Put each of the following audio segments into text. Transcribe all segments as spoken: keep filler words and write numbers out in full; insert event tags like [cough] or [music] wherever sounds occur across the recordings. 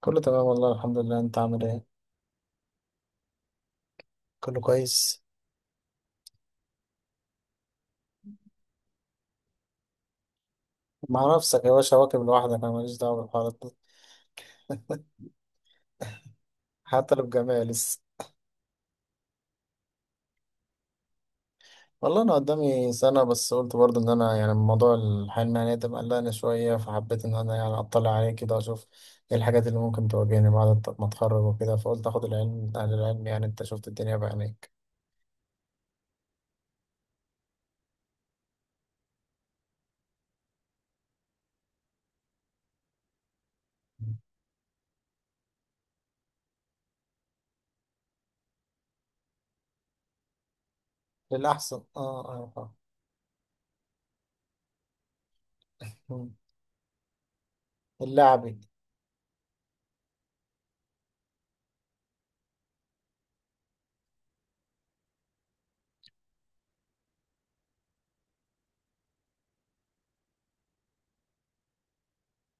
كله تمام والله الحمد لله، انت عامل ايه؟ كله كويس. مع نفسك يا باشا واكب لوحدك، انا ماليش دعوه بالحوارات دي. حتى لو بجامعة لسه. والله انا قدامي سنه، بس قلت برضه ان انا يعني موضوع الحياه المهنيه ده مقلقني شويه، فحبيت ان انا يعني اطلع عليه كده اشوف ايه الحاجات اللي ممكن تواجهني بعد الت- ما اتخرج وكده، فقلت اخد العلم من اهل العلم. يعني انت شفت الدنيا بعينيك. للاحسن اه اه اه. مم. اللعبي.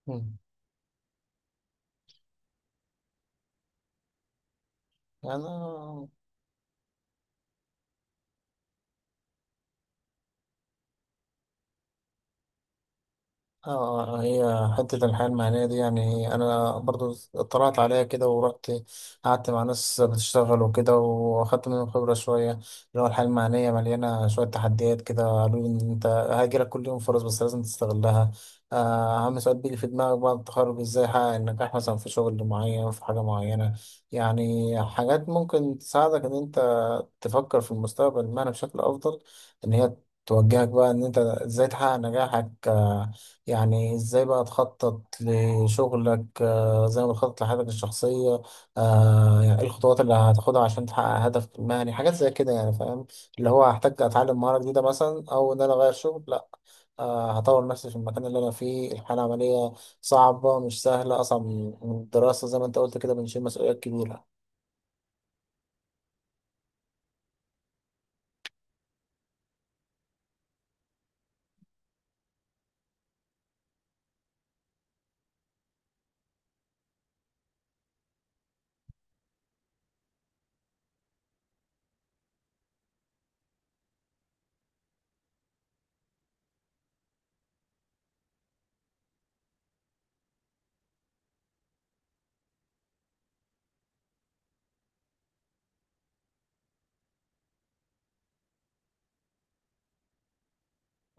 مم. انا. اه، آه، هي حتة الحياة المهنية دي يعني أنا برضو اطلعت عليها كده ورحت قعدت مع ناس بتشتغل وكده، وأخدت منهم خبرة شوية. اللي هو الحياة المهنية مليانة شوية تحديات كده، قالوا لي إن أنت هيجيلك كل يوم فرص بس لازم تستغلها. آه، أهم سؤال بيجي في دماغك بعد التخرج: إزاي أحقق النجاح مثلا في شغل معين، في حاجة معينة؟ يعني حاجات ممكن تساعدك إن أنت تفكر في المستقبل المهني بشكل أفضل، إن هي توجهك بقى إن أنت إزاي تحقق نجاحك. آه، يعني ازاي بقى تخطط لشغلك آه، زي ما تخطط لحياتك الشخصية. آه، يعني ايه الخطوات اللي هتاخدها عشان تحقق هدفك المهني؟ حاجات زي كده يعني، فاهم؟ اللي هو هحتاج اتعلم مهارة جديدة مثلا، او ان انا اغير شغل؟ لا، آه، هطور نفسي في المكان اللي انا فيه. الحالة العملية صعبة، مش سهلة، اصعب من من الدراسة زي ما انت قلت كده، بنشيل مسؤوليات كبيرة.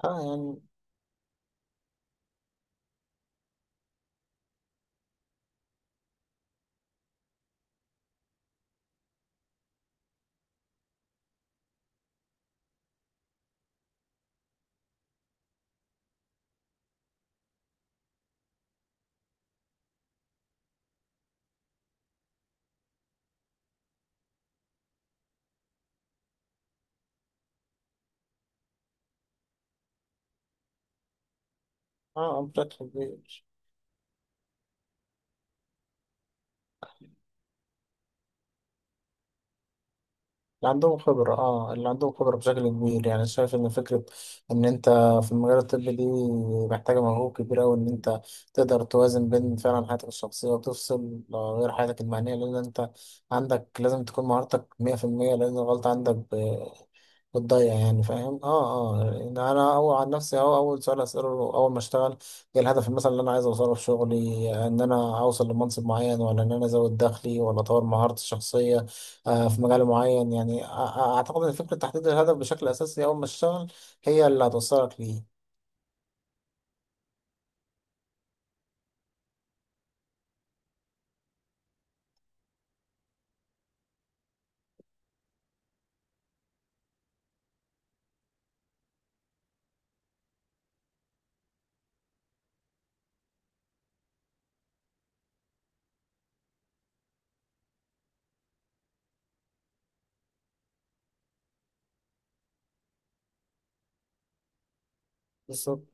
اه يعني. اه بشكل كبير. اللي عندهم خبرة، اه اللي عندهم خبرة بشكل كبير. يعني شايف ان فكرة ان انت في المجال الطبي دي محتاجة مجهود كبير اوي، ان انت تقدر توازن بين فعلا حياتك الشخصية، وتفصل آه، غير حياتك المهنية، لان انت عندك لازم تكون مهارتك مية في المية، لان الغلطة عندك ب- بتضيع. يعني فاهم؟ اه اه. يعني انا اول عن نفسي اهو، اول سؤال اسأله اول ما اشتغل: ايه الهدف مثلا اللي انا عايز اوصله في شغلي؟ ان انا اوصل لمنصب معين، ولا ان انا ازود دخلي، ولا اطور مهارتي الشخصية آه، في مجال معين؟ يعني أ- أ- اعتقد ان فكره تحديد الهدف بشكل اساسي اول ما تشتغل هي اللي هتوصلك ليه. بالظبط.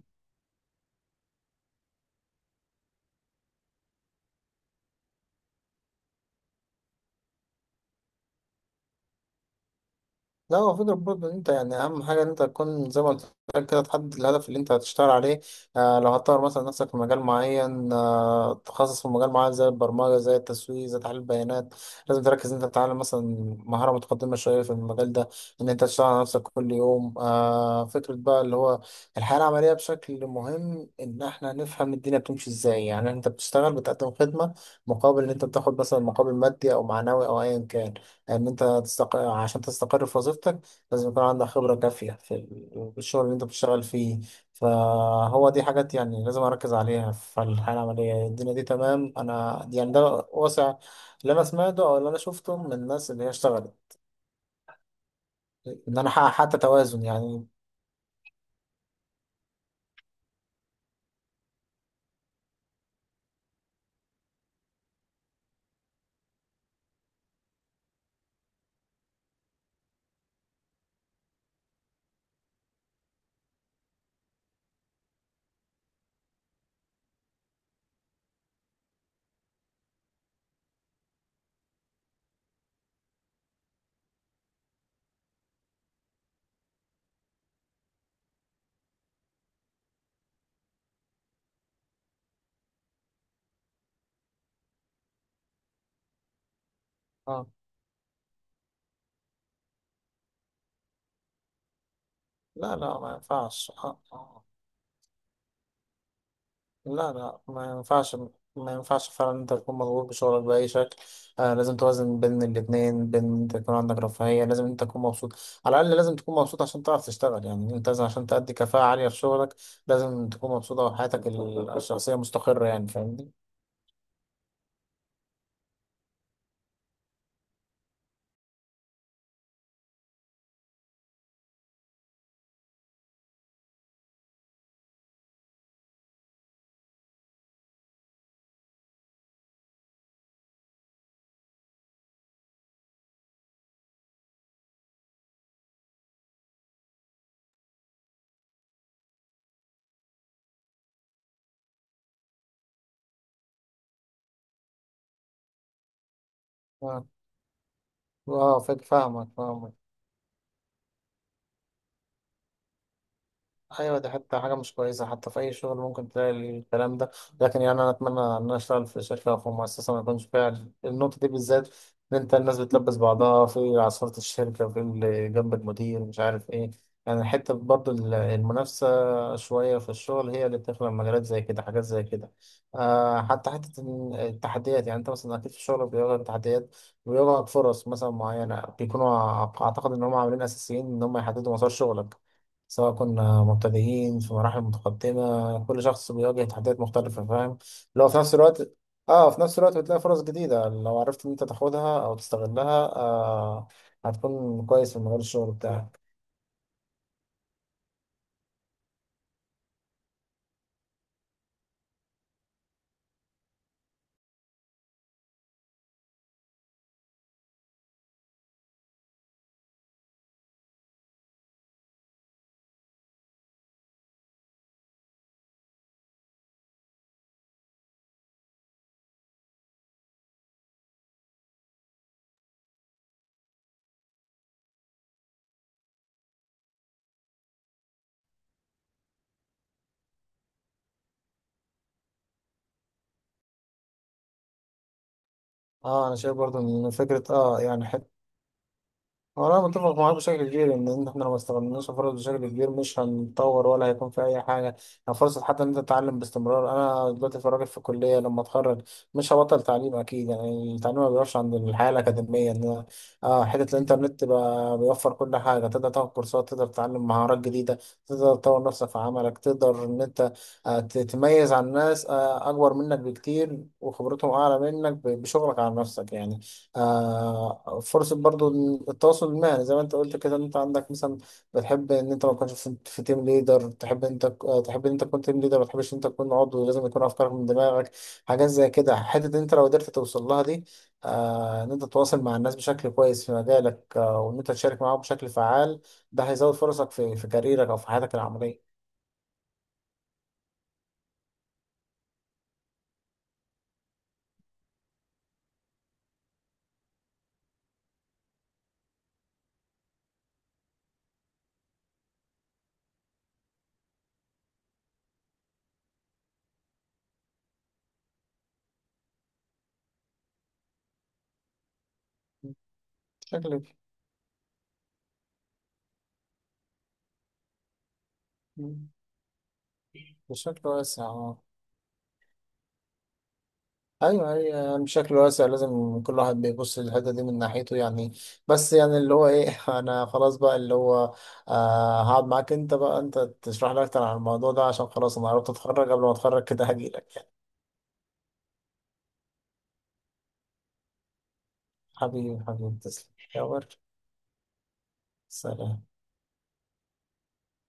لا، هو فكرة برضه إن أنت يعني أهم حاجة إن أنت تكون زي ما قلت لك كده، تحدد الهدف اللي أنت هتشتغل عليه. آه، لو هتطور مثلا نفسك في مجال معين، آه تخصص في مجال معين زي البرمجة، زي التسويق، زي تحليل البيانات، لازم تركز إن أنت تتعلم مثلا مهارة متقدمة شوية في المجال ده، إن أنت تشتغل على نفسك كل يوم. آه، فكرة بقى اللي هو الحياة العملية بشكل مهم إن إحنا نفهم الدنيا بتمشي إزاي. يعني أنت بتشتغل بتقدم خدمة مقابل إن أنت بتاخد مثلا مقابل مادي أو معنوي أو أيا كان. ان انت تستق... عشان تستقر في وظيفتك لازم يكون عندك خبرة كافية في ال- في الشغل اللي انت بتشتغل فيه. فهو دي حاجات يعني لازم اركز عليها في الحياة العملية. الدنيا دي تمام، انا يعني ده واسع اللي انا سمعته او اللي انا شفته من الناس اللي هي اشتغلت. ان انا احقق حتى توازن يعني. اه. لا لا، ما ينفعش. آه. آه. لا لا، ما ينفعش. ما ينفعش فعلا إن انت تكون مضغوط بشغلك بأي شكل. آه لازم توازن بين الاتنين، بين انت يكون عندك رفاهية، لازم انت تكون مبسوط. على الأقل لازم تكون مبسوط عشان تعرف تشتغل. يعني انت لازم عشان تأدي كفاءة عالية في شغلك لازم تكون مبسوطة، وحياتك ال- الشخصية مستقرة. يعني فاهمني؟ اه، آه، فاك- فاهمك فاهمك ايوه، دي حتى حاجه مش كويسه حتى في اي شغل، ممكن تلاقي الكلام ده. لكن يعني انا اتمنى ان انا اشتغل في شركه او في مؤسسه ما يكونش فيها النقطه دي بالذات، ان انت الناس بتلبس بعضها في عصاره الشركه، في اللي جنب المدير مش عارف ايه. يعني حته برضو ال- المنافسه شويه في الشغل هي اللي بتخلق مجالات زي كده، حاجات زي كده. آه، حتى حته إن التحديات، يعني انت مثلا اكيد في الشغل بيواجهك تحديات، بيواجهك فرص مثلا معينه، بيكونوا أع- اعتقد ان هم عاملين اساسيين ان هم يحددوا مسار شغلك. سواء كنا مبتدئين في مراحل متقدمة، كل شخص بيواجه تحديات مختلفة، فاهم؟ لو في نفس الوقت، اه في نفس الوقت بتلاقي فرص جديدة، لو عرفت ان انت تاخدها او تستغلها آه، هتكون كويس في مجال الشغل بتاعك. اه انا شايف برضو ان فكرة اه يعني، هو أنا متفق معاك بشكل كبير إن إحنا لو ما استغلناش الفرص بشكل كبير مش هنتطور، ولا هيكون في أي حاجة. يعني فرصة حتى إن أنت تتعلم باستمرار. أنا دلوقتي في راجل في الكلية، لما أتخرج مش هبطل تعليم أكيد. يعني التعليم ما بيقفش عند الحياة الأكاديمية، إن أنا- آه، حتة الإنترنت بقى بيوفر كل حاجة، تقدر تاخد كورسات، تقدر تتعلم مهارات جديدة، تقدر تطور نفسك في عملك، تقدر إن أنت آه، تتميز عن ناس آه، أكبر منك بكتير وخبرتهم أعلى منك ب- بشغلك على نفسك يعني. آه، فرصة برضو التواصل المهني زي ما انت قلت كده، ان انت عندك مثلا بتحب ان انت ما تكونش في في تيم ليدر، تحب ان انت آه، تحب ان انت تكون تيم ليدر، ما تحبش ان انت تكون عضو، لازم يكون افكارك من دماغك، حاجات زي كده. حتة ان انت لو قدرت توصل لها دي، آه، ان انت تتواصل مع الناس بشكل كويس في مجالك، آه، وان انت تشارك معاهم بشكل فعال، ده هيزود فرصك في في كاريرك او في حياتك العملية. بشكل بشكل واسع. آه. ايوه هي يعني بشكل واسع، لازم كل واحد بيبص للحته دي من ناحيته يعني. بس يعني اللي هو ايه [laughs] انا خلاص بقى اللي هو آه، هقعد معاك انت بقى، انت تشرح لي اكتر عن الموضوع ده، عشان خلاص انا قربت اتخرج. قبل ما اتخرج كده هجيلك. حبيبي حبيبي، تسلم يا ورد. سلام.